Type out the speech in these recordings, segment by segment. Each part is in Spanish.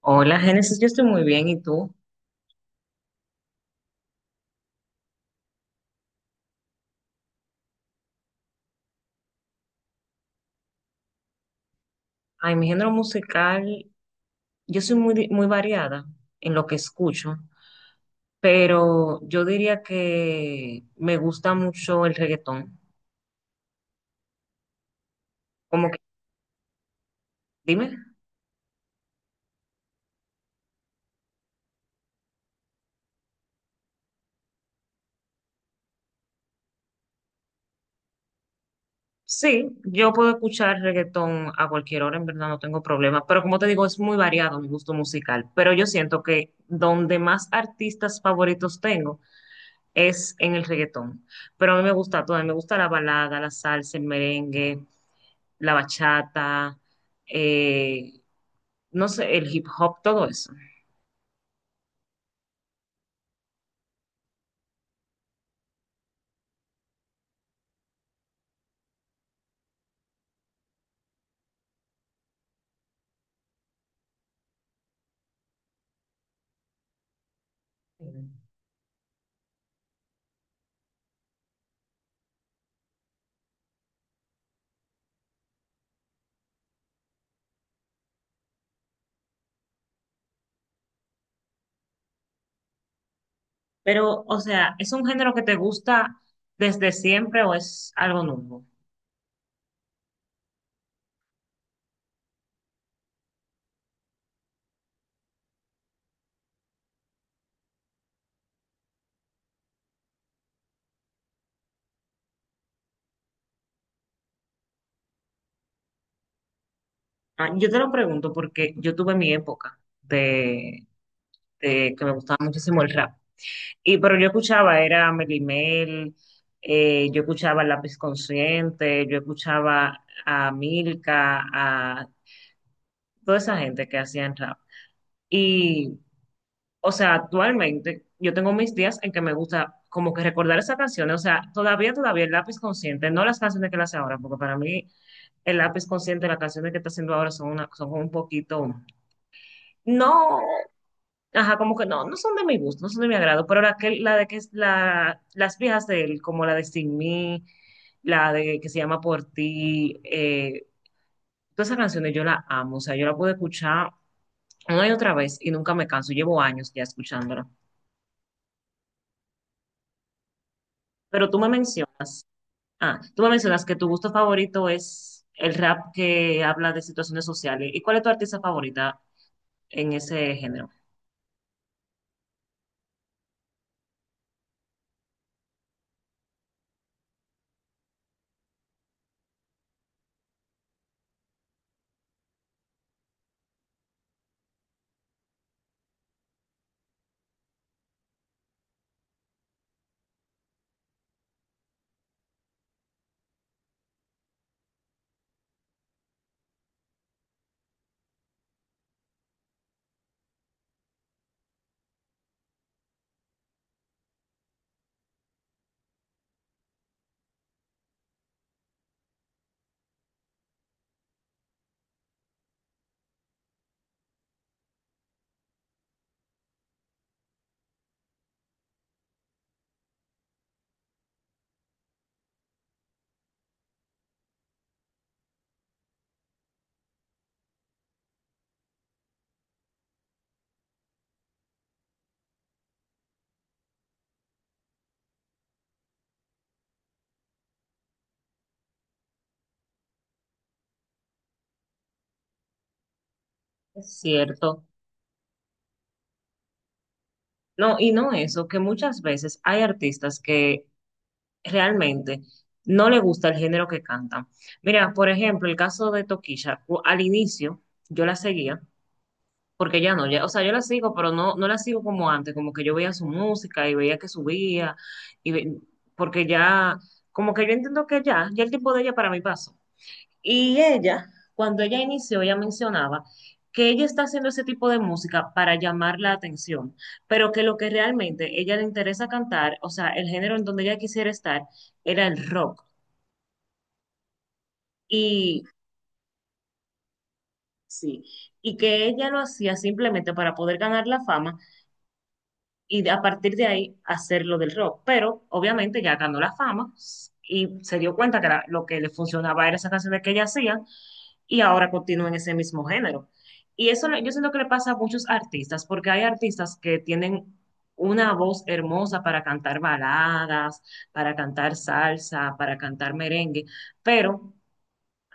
Hola, Génesis, yo estoy muy bien, ¿y tú? Ay, mi género musical, yo soy muy variada en lo que escucho, pero yo diría que me gusta mucho el reggaetón. Como que, dime, sí, yo puedo escuchar reggaetón a cualquier hora, en verdad no tengo problema, pero como te digo, es muy variado mi gusto musical, pero yo siento que donde más artistas favoritos tengo es en el reggaetón, pero a mí me gusta todo, a mí me gusta la balada, la salsa, el merengue, la bachata, eh, no sé, el hip hop, todo eso. Pero, o sea, ¿es un género que te gusta desde siempre o es algo nuevo? Ah, yo te lo pregunto porque yo tuve mi época de que me gustaba muchísimo el rap. Pero yo escuchaba, era Melly Mel, yo escuchaba Lápiz Consciente, yo escuchaba a Milka, a toda esa gente que hacían rap. Y O sea, actualmente yo tengo mis días en que me gusta como que recordar esas canciones. O sea, todavía el lápiz consciente, no las canciones que él hace ahora, porque para mí el lápiz consciente, las canciones que está haciendo ahora son un poquito, no, ajá, como que no, no son de mi gusto, no son de mi agrado, pero la, que, la de que es la, las viejas de él, como la de Sin Mí, la de que se llama Por Ti, todas esas canciones yo las amo, o sea, yo la puedo escuchar una y otra vez y nunca me canso, llevo años ya escuchándola. Pero tú me mencionas. Ah, tú me mencionas que tu gusto favorito es el rap que habla de situaciones sociales. ¿Y cuál es tu artista favorita en ese género? Es cierto. No, y no eso, que muchas veces hay artistas que realmente no le gusta el género que cantan. Mira, por ejemplo, el caso de Tokisha, al inicio yo la seguía, porque ya no, ya, o sea, yo la sigo, pero no, no la sigo como antes, como que yo veía su música y veía que subía, y ve- porque ya, como que yo entiendo que ya, ya el tiempo de ella para mí pasó. Y ella, cuando ella inició, ella mencionaba que ella está haciendo ese tipo de música para llamar la atención, pero que lo que realmente ella le interesa cantar, o sea, el género en donde ella quisiera estar, era el rock. Y sí, y que ella lo hacía simplemente para poder ganar la fama, y a partir de ahí hacer lo del rock. Pero obviamente ya ganó la fama y se dio cuenta lo que le funcionaba era esa canción que ella hacía y ahora continúa en ese mismo género. Y eso yo siento que le pasa a muchos artistas, porque hay artistas que tienen una voz hermosa para cantar baladas, para cantar salsa, para cantar merengue, pero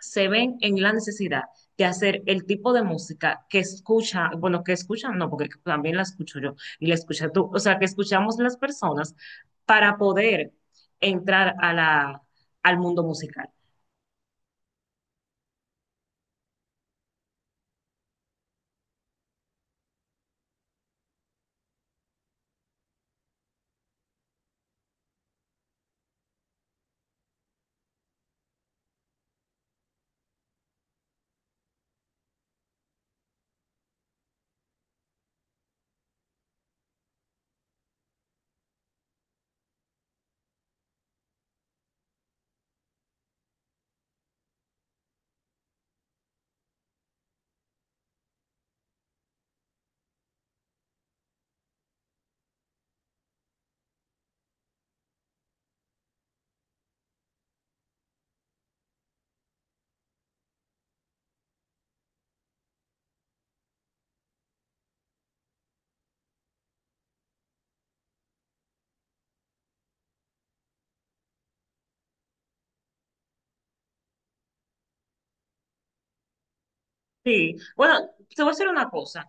se ven en la necesidad de hacer el tipo de música que escucha, bueno, que escuchan, no, porque también la escucho yo y la escucha tú, o sea, que escuchamos las personas para poder entrar a la, al mundo musical. Sí, bueno, te voy a decir una cosa.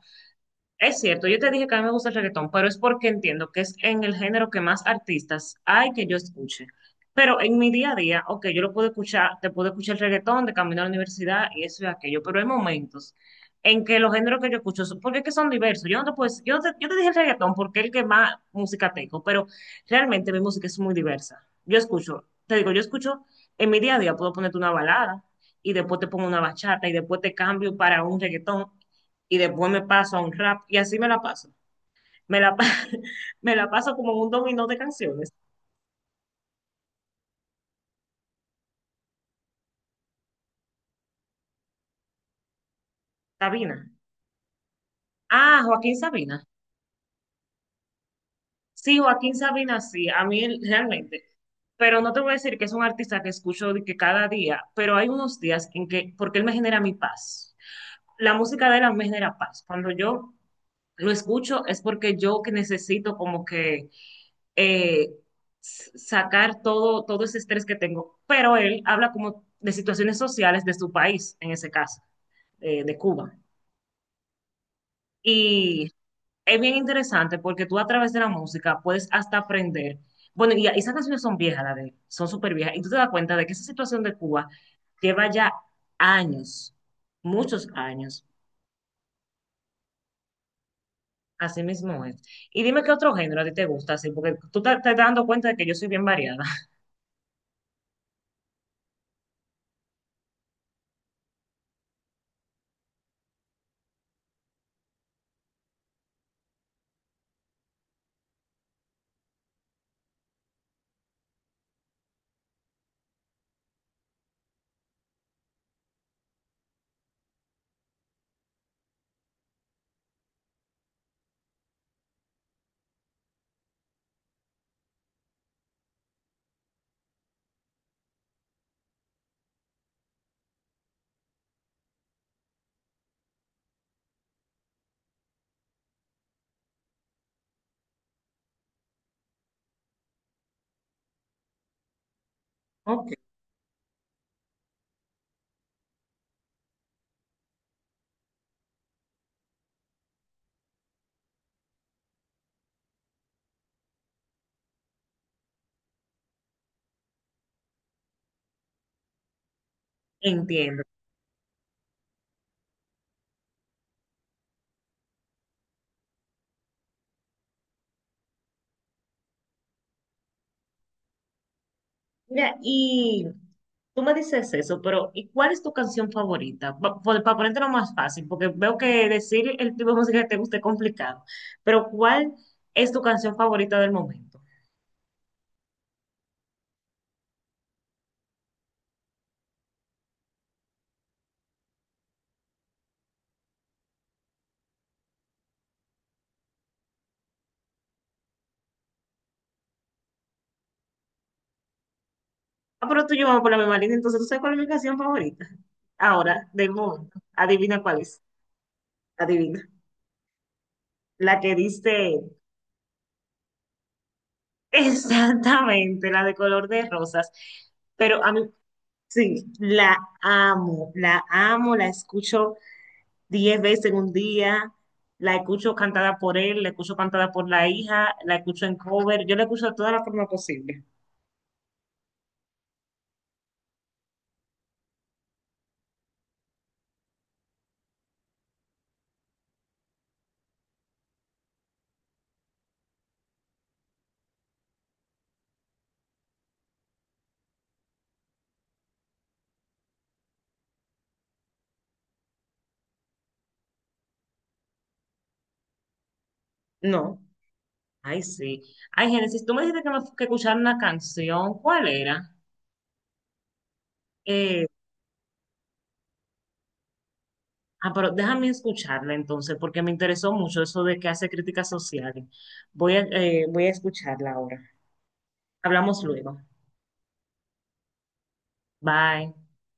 Es cierto, yo te dije que a mí me gusta el reggaetón, pero es porque entiendo que es en el género que más artistas hay que yo escuche. Pero en mi día a día, ok, yo lo puedo escuchar, te puedo escuchar el reggaetón de camino a la universidad y eso y aquello, pero hay momentos en que los géneros que yo escucho, son- porque es que son diversos. Yo no te puedo decir- yo no te, yo te dije el reggaetón porque es el que más música tengo, pero realmente mi música es muy diversa. Yo escucho, te digo, yo escucho, en mi día a día puedo ponerte una balada y después te pongo una bachata y después te cambio para un reggaetón y después me paso a un rap y así me la paso. Me la, pa- me la paso como un dominó de canciones. Sabina. Ah, Joaquín Sabina. Sí, Joaquín Sabina, sí, a mí realmente. Pero no te voy a decir que es un artista que escucho de que cada día, pero hay unos días en que, porque él me genera mi paz. La música de él a mí me genera paz. Cuando yo lo escucho es porque yo que necesito como que eh, sacar todo, todo ese estrés que tengo. Pero él habla como de situaciones sociales de su país, en ese caso, de Cuba. Y es bien interesante porque tú a través de la música puedes hasta aprender. Bueno, y esas canciones son viejas, la de él, son súper viejas. Y tú te das cuenta de que esa situación de Cuba lleva ya años, muchos años. Así mismo es. Y dime qué otro género a ti te gusta, así, porque tú te, te estás dando cuenta de que yo soy bien variada. Ok, entiendo. Mira, y tú me dices eso, pero ¿y cuál es tu canción favorita? Para ponértelo más fácil, porque veo que decir el tipo de música que te gusta es complicado, pero ¿cuál es tu canción favorita del momento? Ah, pero tú y yo vamos por la misma línea, entonces tú sabes cuál es mi canción favorita. Ahora, del momento, adivina cuál es, adivina. La que dice exactamente, la de color de rosas, pero a mí sí, la amo, la amo, la escucho 10 veces en un día, la escucho cantada por él, la escucho cantada por la hija, la escucho en cover, yo la escucho de toda la forma posible. No, ay sí. Ay, Génesis, tú me dijiste que, que escuchar una canción, ¿cuál era? Eh, ah, pero déjame escucharla entonces, porque me interesó mucho eso de que hace críticas sociales. Voy a escucharla ahora. Hablamos luego. Bye.